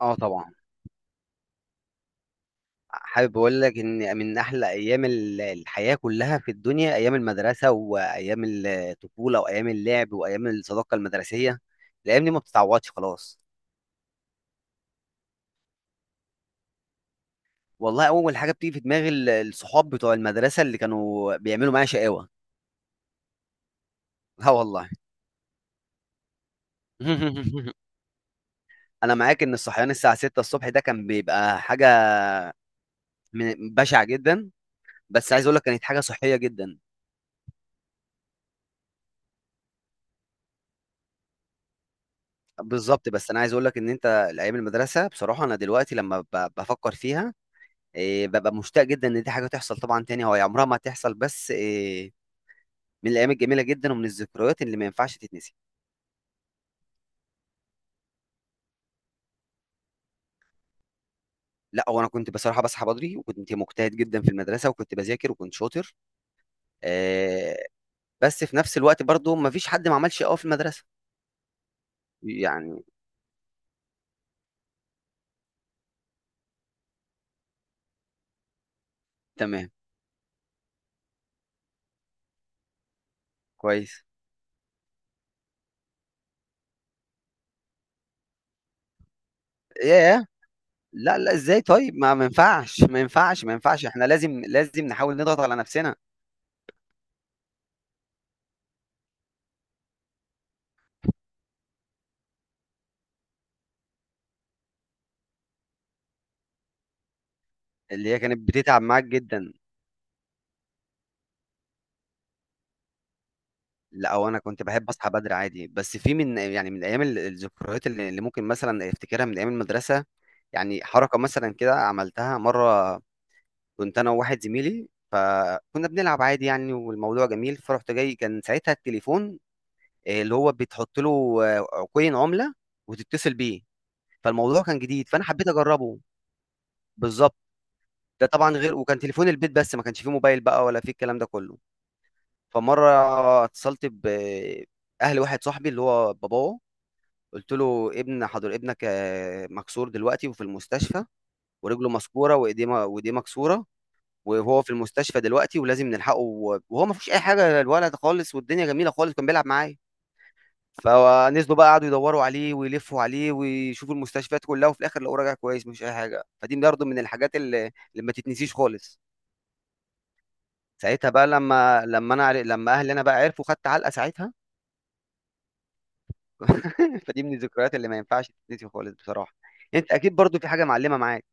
اه طبعا. حابب اقول لك ان من احلى ايام الحياه كلها في الدنيا، ايام المدرسه وايام الطفوله وايام اللعب وايام الصداقه المدرسيه. الايام دي ما بتتعوضش خلاص. والله اول حاجه بتيجي في دماغي الصحاب بتوع المدرسه اللي كانوا بيعملوا معايا شقاوه. اه والله. انا معاك ان الصحيان الساعه 6 الصبح ده كان بيبقى حاجه بشعه جدا. بس عايز اقول لك كانت حاجه صحيه جدا. بالظبط. بس انا عايز اقول لك ان انت الايام المدرسه، بصراحه انا دلوقتي لما بفكر فيها، إيه، ببقى مشتاق جدا ان دي حاجه تحصل طبعا تاني. هو عمرها ما هتحصل، بس إيه، من الايام الجميله جدا ومن الذكريات اللي ما ينفعش تتنسي. لا، هو انا كنت بصراحه بصحى بدري وكنت مجتهد جدا في المدرسه وكنت بذاكر وكنت شاطر. آه، بس في نفس الوقت برضو ما فيش حد ما عملش قوي في المدرسه، يعني. تمام. كويس. ياه. لا لا، ازاي؟ طيب ما ينفعش، ما ينفعش، ما ينفعش، احنا لازم، لازم نحاول نضغط على نفسنا. اللي هي كانت بتتعب معاك جدا. لا، او انا كنت بحب اصحى بدري عادي. بس في من يعني من ايام الذكريات اللي ممكن مثلا افتكرها من ايام المدرسه. يعني حركه مثلا كده عملتها مره، كنت انا وواحد زميلي، فكنا بنلعب عادي يعني والموضوع جميل. فرحت جاي، كان ساعتها التليفون اللي هو بتحط له كوين عمله وتتصل بيه. فالموضوع كان جديد فانا حبيت اجربه. بالظبط. ده طبعا غير، وكان تليفون البيت بس، ما كانش فيه موبايل بقى ولا فيه الكلام ده كله. فمره اتصلت باهل واحد صاحبي اللي هو باباه، قلت له ابن حضر ابنك مكسور دلوقتي وفي المستشفى، ورجله مسكوره وايديه وايديه مكسوره، وهو في المستشفى دلوقتي ولازم نلحقه، وهو ما فيهوش اي حاجه الولد خالص، والدنيا جميله خالص كان بيلعب معايا. فنزلوا بقى قعدوا يدوروا عليه ويلفوا عليه ويشوفوا المستشفيات كلها، وفي الاخر لقوه راجع كويس مفيش اي حاجه. فدي برضه من الحاجات اللي، اللي ما تتنسيش خالص. ساعتها بقى لما لما اهلي انا بقى عرفوا، خدت علقه ساعتها. فدي من الذكريات اللي ما ينفعش تتنسي خالص بصراحه. انت اكيد برضو في حاجه معلمه معاك.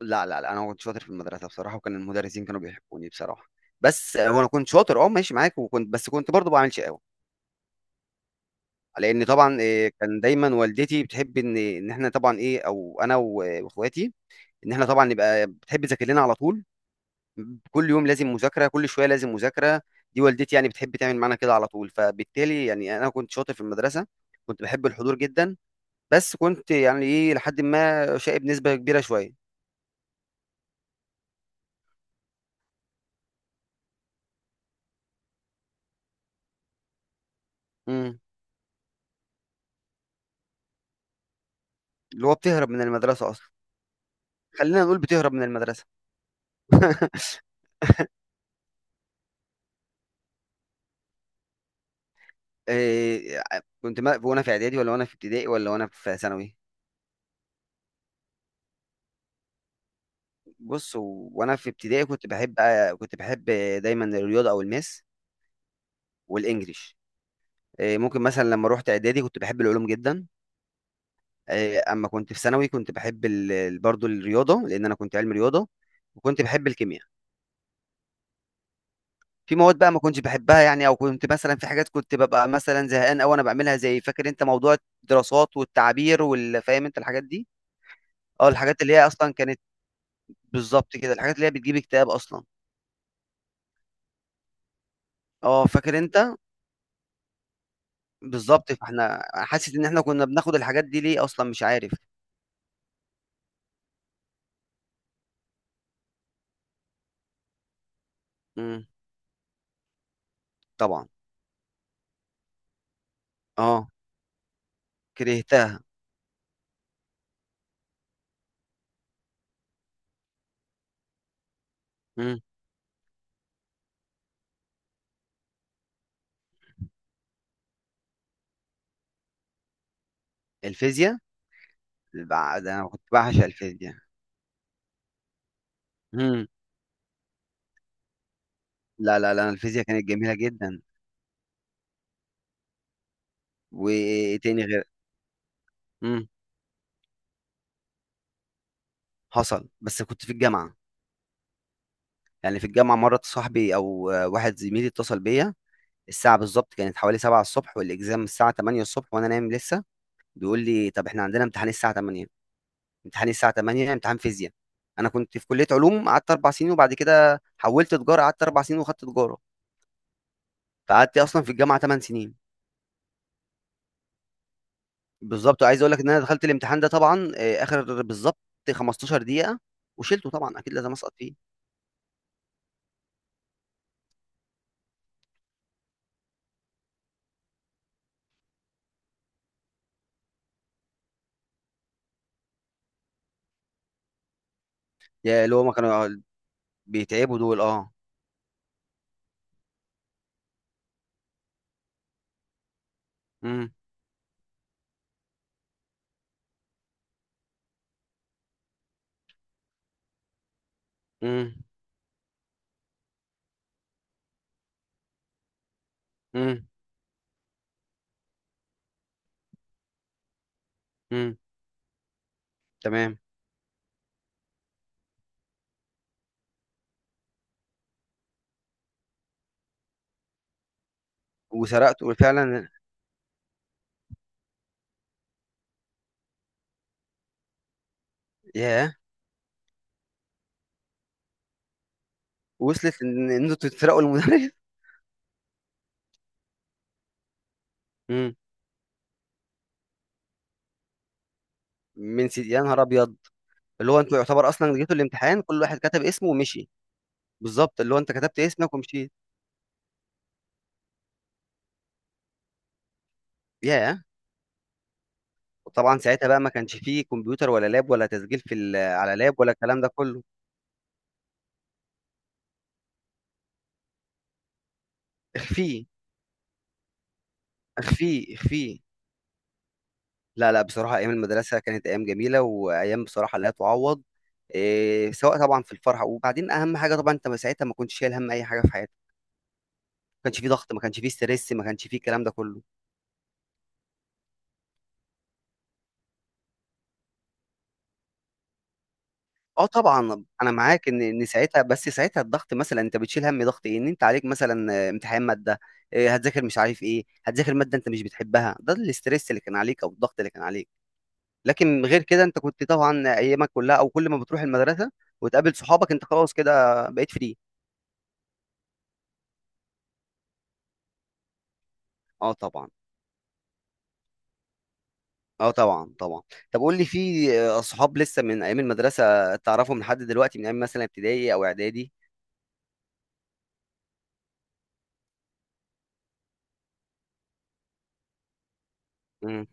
لا لا لا، انا كنت شاطر في المدرسه بصراحه، وكان المدرسين كانوا بيحبوني بصراحه. بس وانا كنت شاطر، اه ماشي معاك، وكنت بس كنت برضو بعمل شقاوه. لان طبعا كان دايما والدتي بتحب ان احنا طبعا ايه، او انا واخواتي، ان احنا طبعا نبقى، بتحب تذاكر لنا على طول، كل يوم لازم مذاكره، كل شويه لازم مذاكره. دي والدتي يعني بتحب تعمل معانا كده على طول. فبالتالي يعني انا كنت شاطر في المدرسه، كنت بحب الحضور جدا. بس كنت يعني ايه لحد ما شقي بنسبه كبيره شويه. امم. اللي هو بتهرب من المدرسه اصلا. خلينا نقول بتهرب من المدرسة. إيه، كنت ما وانا في اعدادي ولا وانا في ابتدائي ولا وانا في ثانوي؟ بص وانا في ابتدائي كنت بحب دايما الرياضة او الماس والانجليش. إيه، ممكن مثلا لما روحت اعدادي كنت بحب العلوم جدا. إيه، اما كنت في ثانوي كنت بحب برضو الرياضة، لان انا كنت علمي رياضة. وكنت بحب الكيمياء. في مواد بقى ما كنتش بحبها يعني، او كنت مثلا في حاجات كنت ببقى مثلا زهقان او انا بعملها، زي فاكر انت موضوع الدراسات والتعبير والفاهم انت الحاجات دي. اه الحاجات اللي هي اصلا كانت، بالظبط كده، الحاجات اللي هي بتجيب اكتئاب اصلا. اه فاكر انت. بالظبط. فاحنا حاسس ان احنا كنا بناخد الحاجات دي ليه اصلا مش عارف. امم طبعا، اه كرهتها. امم الفيزياء، ده انا كنت بعشق الفيزياء. امم لا لا لا، الفيزياء كانت جميله جدا. وايه تاني غير؟ امم حصل بس كنت في الجامعه. يعني في الجامعه مره صاحبي او واحد زميلي اتصل بيا، الساعه بالظبط كانت حوالي 7 الصبح والاكزام الساعه 8 الصبح وانا نايم لسه، بيقول لي طب احنا عندنا امتحان الساعه 8، امتحاني الساعه 8 امتحان فيزياء. انا كنت في كليه علوم قعدت 4 سنين، وبعد كده حولت تجاره قعدت 4 سنين وخدت تجاره. فقعدت اصلا في الجامعه 8 سنين. بالظبط. وعايز اقول لك ان انا دخلت الامتحان ده طبعا اخر بالظبط 15 دقيقه، وشلته طبعا اكيد لازم اسقط فيه. يا اللي هو ما كانوا بيتعبوا دول، اه. امم. امم. امم. امم. تمام. وسرقت، وفعلا. ياه. وصلت ان إن انتوا تسرقوا المدرس؟ امم. من سيدي، يا نهار ابيض! اللي هو انتوا يعتبر اصلا جيتوا الامتحان كل واحد كتب اسمه ومشي. بالظبط، اللي هو انت كتبت اسمك ومشيت. ياه. وطبعا ساعتها بقى ما كانش فيه كمبيوتر ولا لاب ولا تسجيل في على لاب ولا الكلام ده كله. اخفيه، اخفيه، اخفيه. لا لا، بصراحة أيام المدرسة كانت أيام جميلة وأيام بصراحة لا تعوض. إيه، سواء طبعا في الفرح، وبعدين أهم حاجة طبعا أنت ما ساعتها ما كنتش شايل هم أي حاجة في حياتك، ما كانش فيه ضغط، ما كانش فيه ستريس، ما كانش فيه الكلام ده كله. آه طبعًا، أنا معاك إن ساعتها، بس ساعتها الضغط مثلًا أنت بتشيل هَم، ضغط إيه، إن أنت عليك مثلًا امتحان مادة، هتذاكر مش عارف إيه، هتذاكر مادة أنت مش بتحبها، ده الstress اللي كان عليك أو الضغط اللي كان عليك. لكن غير كده أنت كنت طبعًا أيامك كلها، أو كل ما بتروح المدرسة وتقابل صحابك أنت خلاص كده بقيت free. آه طبعًا، آه طبعًا، طبعًا. طب قُل لي، في صحاب لسه من أيام المدرسة تعرفهم لحد دلوقتي، من أيام مثلًا ابتدائي أو إعدادي؟ إمم.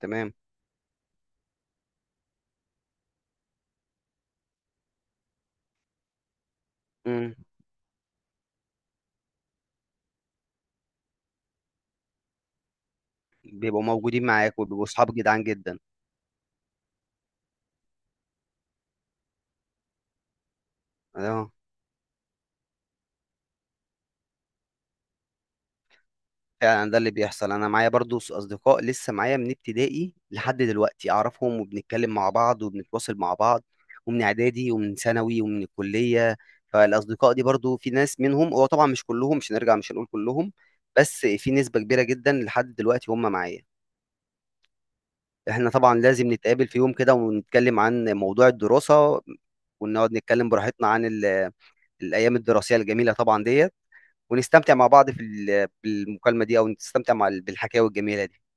تمام. إمم. بيبقوا موجودين معاك وبيبقوا صحاب جدعان جدًا. آه. فعلا ده اللي بيحصل، انا معايا برضو اصدقاء لسه معايا من ابتدائي لحد دلوقتي، اعرفهم وبنتكلم مع بعض وبنتواصل مع بعض، ومن اعدادي ومن ثانوي ومن الكلية. فالاصدقاء دي برضو في ناس منهم، هو طبعا مش كلهم، مش هنرجع مش هنقول كلهم، بس في نسبة كبيرة جدا لحد دلوقتي هم معايا. احنا طبعا لازم نتقابل في يوم كده ونتكلم عن موضوع الدراسة، ونقعد نتكلم براحتنا عن الايام الدراسية الجميلة طبعا ديت، ونستمتع مع بعض في بالمكالمة دي، او نستمتع مع بالحكاوي الجميلة دي.